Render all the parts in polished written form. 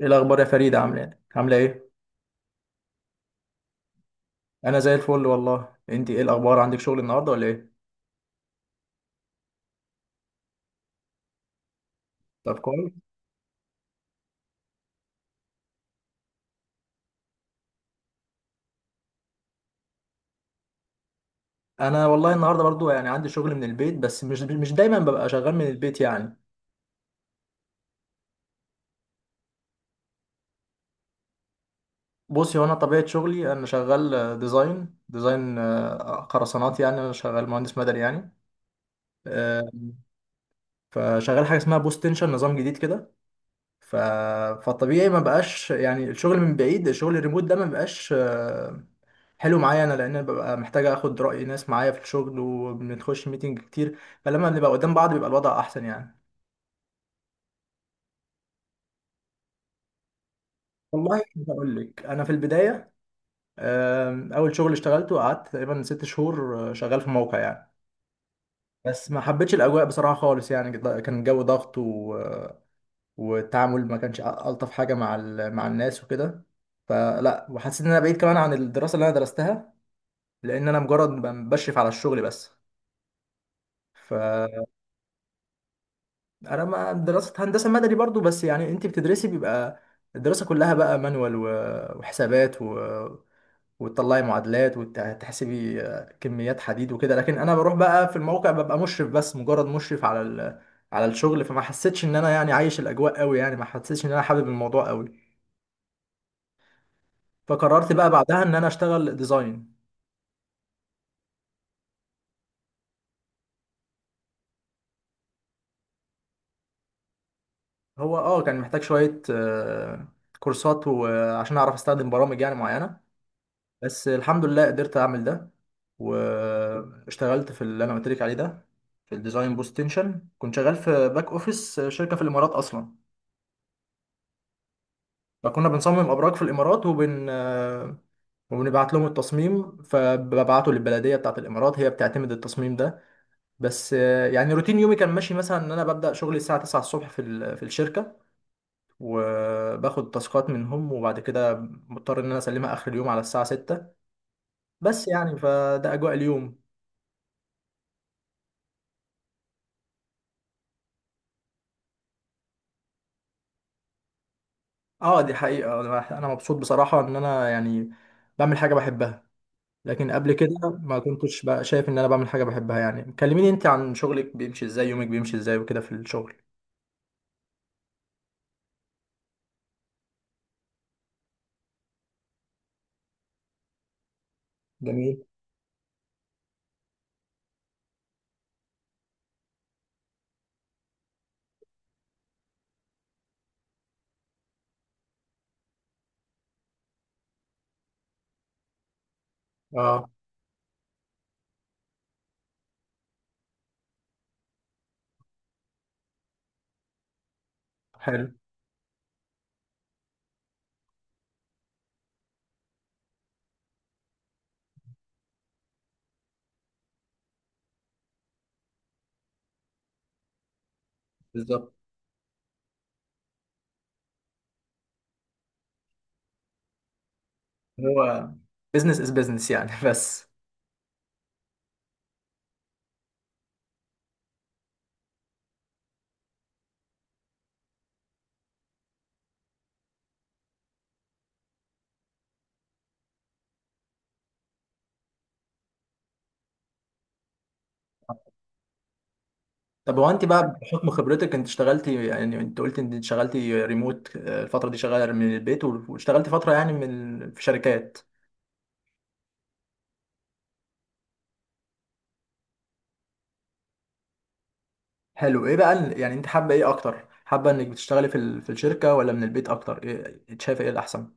ايه الاخبار يا فريدة؟ عامله ايه عامله ايه؟ انا زي الفل والله. انت ايه الاخبار؟ عندك شغل النهارده ولا ايه؟ طب كويس. انا والله النهارده برضو يعني عندي شغل من البيت، بس مش دايما ببقى شغال من البيت يعني. بصي، هو انا طبيعه شغلي انا شغال ديزاين ديزاين، خرسانات، يعني انا شغال مهندس مدني يعني. آه، فشغال حاجه اسمها بوست تنشن، نظام جديد كده. ف... فالطبيعي ما بقاش يعني الشغل من بعيد، الشغل الريموت ده ما بقاش حلو معايا انا، لان انا ببقى محتاج اخد راي ناس معايا في الشغل وبنخش ميتنج كتير. فلما بنبقى قدام بعض بيبقى الوضع احسن يعني. والله بقول لك، انا في البدايه، اول شغل اشتغلته قعدت تقريبا ست شهور شغال في موقع يعني. بس ما حبيتش الاجواء بصراحه خالص، يعني كان الجو ضغط، والتعامل ما كانش الطف حاجه مع مع الناس وكده. فلا، وحسيت ان انا بعيد كمان عن الدراسه اللي انا درستها، لان انا مجرد بشرف على الشغل بس. ف انا ما دراسه هندسه مدني برضو، بس يعني انت بتدرسي بيبقى الدراسه كلها بقى مانوال وحسابات، وتطلعي معادلات وتحسبي كميات حديد وكده. لكن انا بروح بقى في الموقع، ببقى مشرف بس، مجرد مشرف على على الشغل. فما حسيتش ان انا يعني عايش الاجواء قوي، يعني ما حسيتش ان انا حابب الموضوع قوي. فقررت بقى بعدها ان انا اشتغل ديزاين. هو اه كان محتاج شويه كورسات، وعشان اعرف استخدم برامج يعني معينه. بس الحمد لله قدرت اعمل ده، واشتغلت في اللي انا قلت لك عليه ده، في الديزاين بوست تنشن. كنت شغال في باك اوفيس شركه في الامارات اصلا. فكنا بنصمم ابراج في الامارات، وبنبعت لهم التصميم، فببعته للبلديه بتاعه الامارات، هي بتعتمد التصميم ده. بس يعني روتين يومي كان ماشي مثلا ان انا ببدا شغلي الساعه 9 الصبح في في الشركه، وباخد تاسكات منهم، وبعد كده مضطر ان انا اسلمها اخر اليوم على الساعه 6. بس يعني فده اجواء اليوم. اه دي حقيقة، أنا مبسوط بصراحة ان انا يعني بعمل حاجة بحبها. لكن قبل كده ما كنتش بقى شايف ان انا بعمل حاجة بحبها. يعني كلميني انت عن شغلك، بيمشي ازاي يومك، بيمشي ازاي وكده في الشغل. جميل. اه. حلو. بالظبط. هو بزنس از بزنس يعني بس طب هو انت بقى بحكم خبرتك، انت اشتغلتي، يعني انت قلت انت اشتغلتي ريموت، الفترة دي شغالة من البيت، واشتغلتي فترة يعني من في شركات. حلو. ايه بقى يعني انت حابه ايه اكتر؟ حابه انك بتشتغلي في في الشركه ولا من البيت اكتر؟ ايه إنت شايفه، ايه الاحسن؟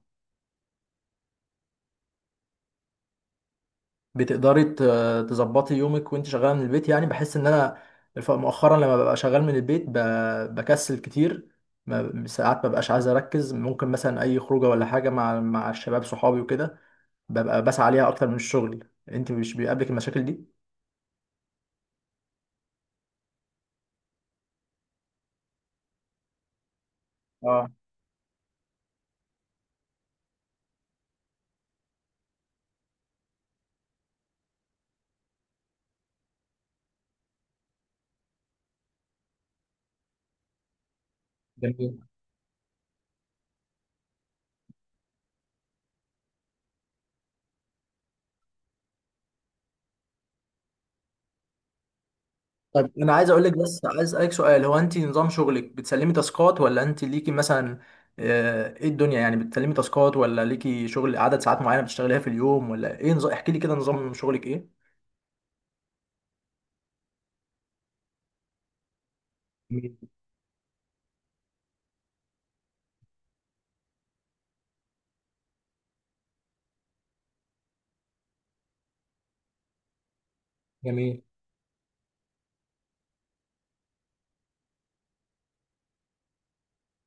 بتقدري ت- تظبطي يومك وانت شغاله من البيت؟ يعني بحس ان انا مؤخرا لما ببقى شغال من البيت بكسل كتير. ساعات ما ببقاش عايز اركز، ممكن مثلا اي خروجه ولا حاجه مع الشباب صحابي وكده، ببقى بسعى عليها اكتر من الشغل. انت مش بيقابلك المشاكل دي؟ اه. جميل. طب انا عايز اقول لك، بس عايز اسالك سؤال، هو انت نظام شغلك بتسلمي تاسكات ولا انت ليكي مثلا، ايه الدنيا يعني؟ بتسلمي تاسكات ولا ليكي شغل عدد ساعات معينه بتشتغليها في اليوم ولا ايه نظام؟ احكي لي كده نظام شغلك ايه. جميل. جميل.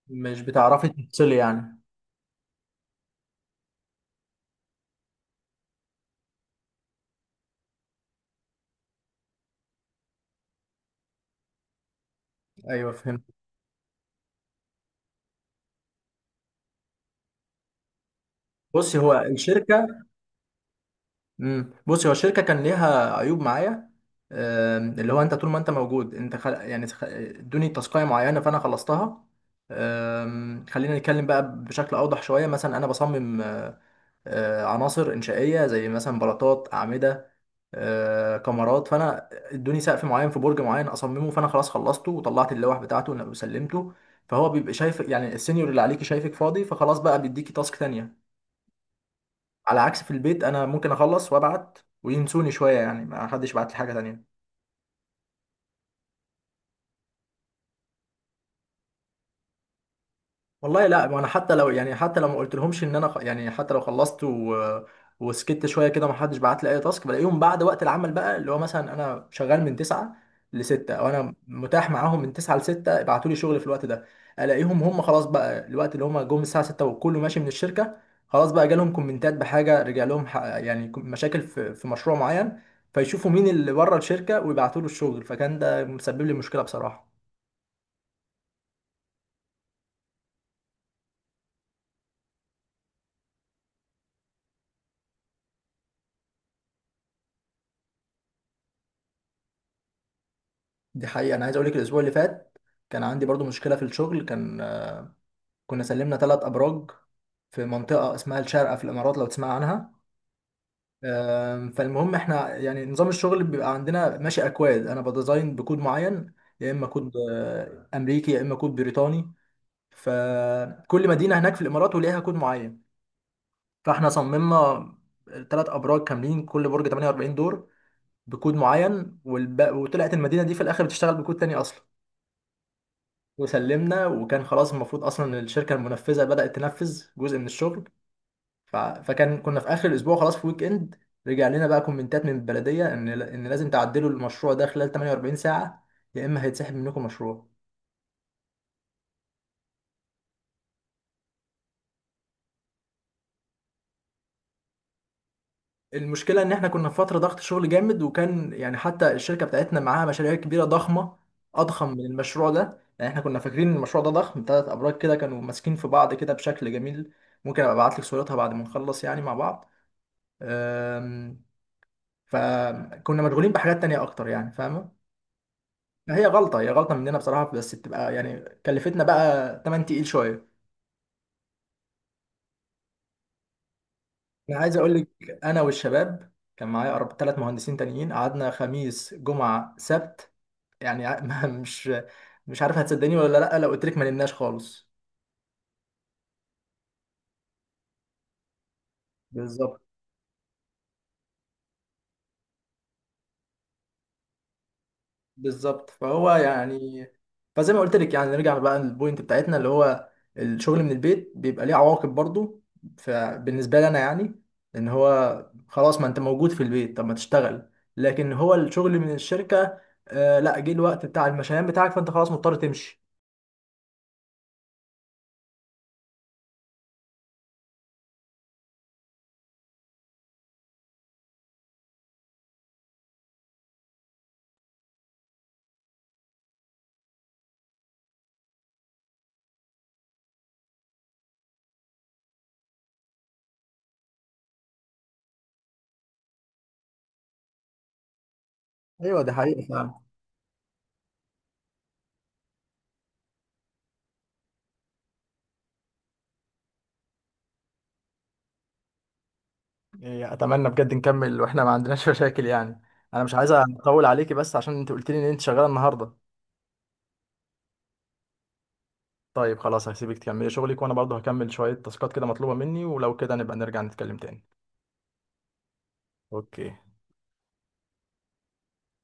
مش بتعرفي تفصلي يعني؟ ايوه، فهمت. بصي هو الشركه، امم، بصي هو الشركه كان ليها عيوب معايا. اللي هو انت طول ما انت موجود انت يعني ادوني تاسكايه معينه فانا خلصتها. خلينا نتكلم بقى بشكل اوضح شويه. مثلا انا بصمم عناصر انشائيه زي مثلا بلاطات، اعمده، كمرات. فانا ادوني سقف معين في برج معين اصممه، فانا خلاص خلصته وطلعت اللوح بتاعته وسلمته. فهو بيبقى شايف يعني السينيور اللي عليكي شايفك فاضي، فخلاص بقى بيديكي تاسك تانية. على عكس في البيت، انا ممكن اخلص وابعت وينسوني شويه، يعني ما حدش بعت لي حاجه تانية. والله لا، ما انا حتى لو يعني حتى لو ما قلتلهمش ان انا يعني حتى لو خلصت وسكت شويه كده، ما حدش بعت لي اي تاسك. بلاقيهم بعد وقت العمل بقى، اللي هو مثلا انا شغال من 9 ل 6، او انا متاح معاهم من 9 ل 6، ابعتوا لي شغل في الوقت ده. الاقيهم هم خلاص بقى الوقت اللي هم جم الساعه 6، وكله ماشي من الشركه، خلاص بقى جالهم كومنتات بحاجه، رجع لهم يعني مشاكل في مشروع معين، فيشوفوا مين اللي بره الشركه ويبعتوا له الشغل. فكان ده مسبب لي مشكله بصراحه. دي حقيقة. أنا عايز أقولك الأسبوع اللي فات كان عندي برضو مشكلة في الشغل. كان كنا سلمنا ثلاث أبراج في منطقة اسمها الشارقة في الإمارات، لو تسمع عنها. فالمهم إحنا يعني نظام الشغل بيبقى عندنا ماشي أكواد، أنا بديزاين بكود معين، يا إما كود أمريكي يا إما كود بريطاني. فكل مدينة هناك في الإمارات وليها كود معين. فإحنا صممنا ثلاث أبراج كاملين، كل برج 48 دور، بكود معين، وطلعت المدينة دي في الآخر بتشتغل بكود تاني أصلا. وسلمنا، وكان خلاص المفروض اصلا إن الشركه المنفذه بدات تنفذ جزء من الشغل. فكان كنا في اخر الاسبوع، خلاص في ويك اند، رجع لنا بقى كومنتات من البلديه ان لازم تعدلوا المشروع ده خلال 48 ساعه، يا اما هيتسحب منكم مشروع. المشكله ان احنا كنا في فتره ضغط شغل جامد، وكان يعني حتى الشركه بتاعتنا معاها مشاريع كبيره ضخمه، اضخم من المشروع ده. يعني احنا كنا فاكرين ان المشروع ده ضخم، ثلاث ابراج كده كانوا ماسكين في بعض كده بشكل جميل. ممكن ابقى ابعت لك صورتها بعد ما نخلص يعني مع بعض. أم، فكنا مشغولين بحاجات تانية اكتر يعني، فاهمه؟ هي غلطه مننا بصراحه، بس بتبقى يعني كلفتنا بقى تمن تقيل شويه. انا عايز اقول لك، انا والشباب كان معايا ثلاث مهندسين تانيين، قعدنا خميس جمعه سبت، يعني مش عارف هتصدقني ولا لا، لو قلت لك ما نمناش خالص. بالظبط. بالظبط. فهو يعني، فزي ما قلت لك، يعني نرجع بقى للبوينت بتاعتنا، اللي هو الشغل من البيت بيبقى ليه عواقب برضو. فبالنسبه لي انا يعني، ان هو خلاص، ما انت موجود في البيت، طب ما تشتغل. لكن هو الشغل من الشركه، لا، جه الوقت بتاع المشيان بتاعك فانت خلاص مضطر تمشي. ايوه دي حقيقة فعلا. إيه، اتمنى بجد نكمل واحنا ما عندناش مشاكل يعني. انا مش عايز اطول عليكي، بس عشان انت قلت لي ان انت شغاله النهارده. طيب خلاص هسيبك تكملي شغلك، وانا برضه هكمل شوية تاسكات كده مطلوبة مني، ولو كده نبقى نرجع نتكلم تاني. اوكي.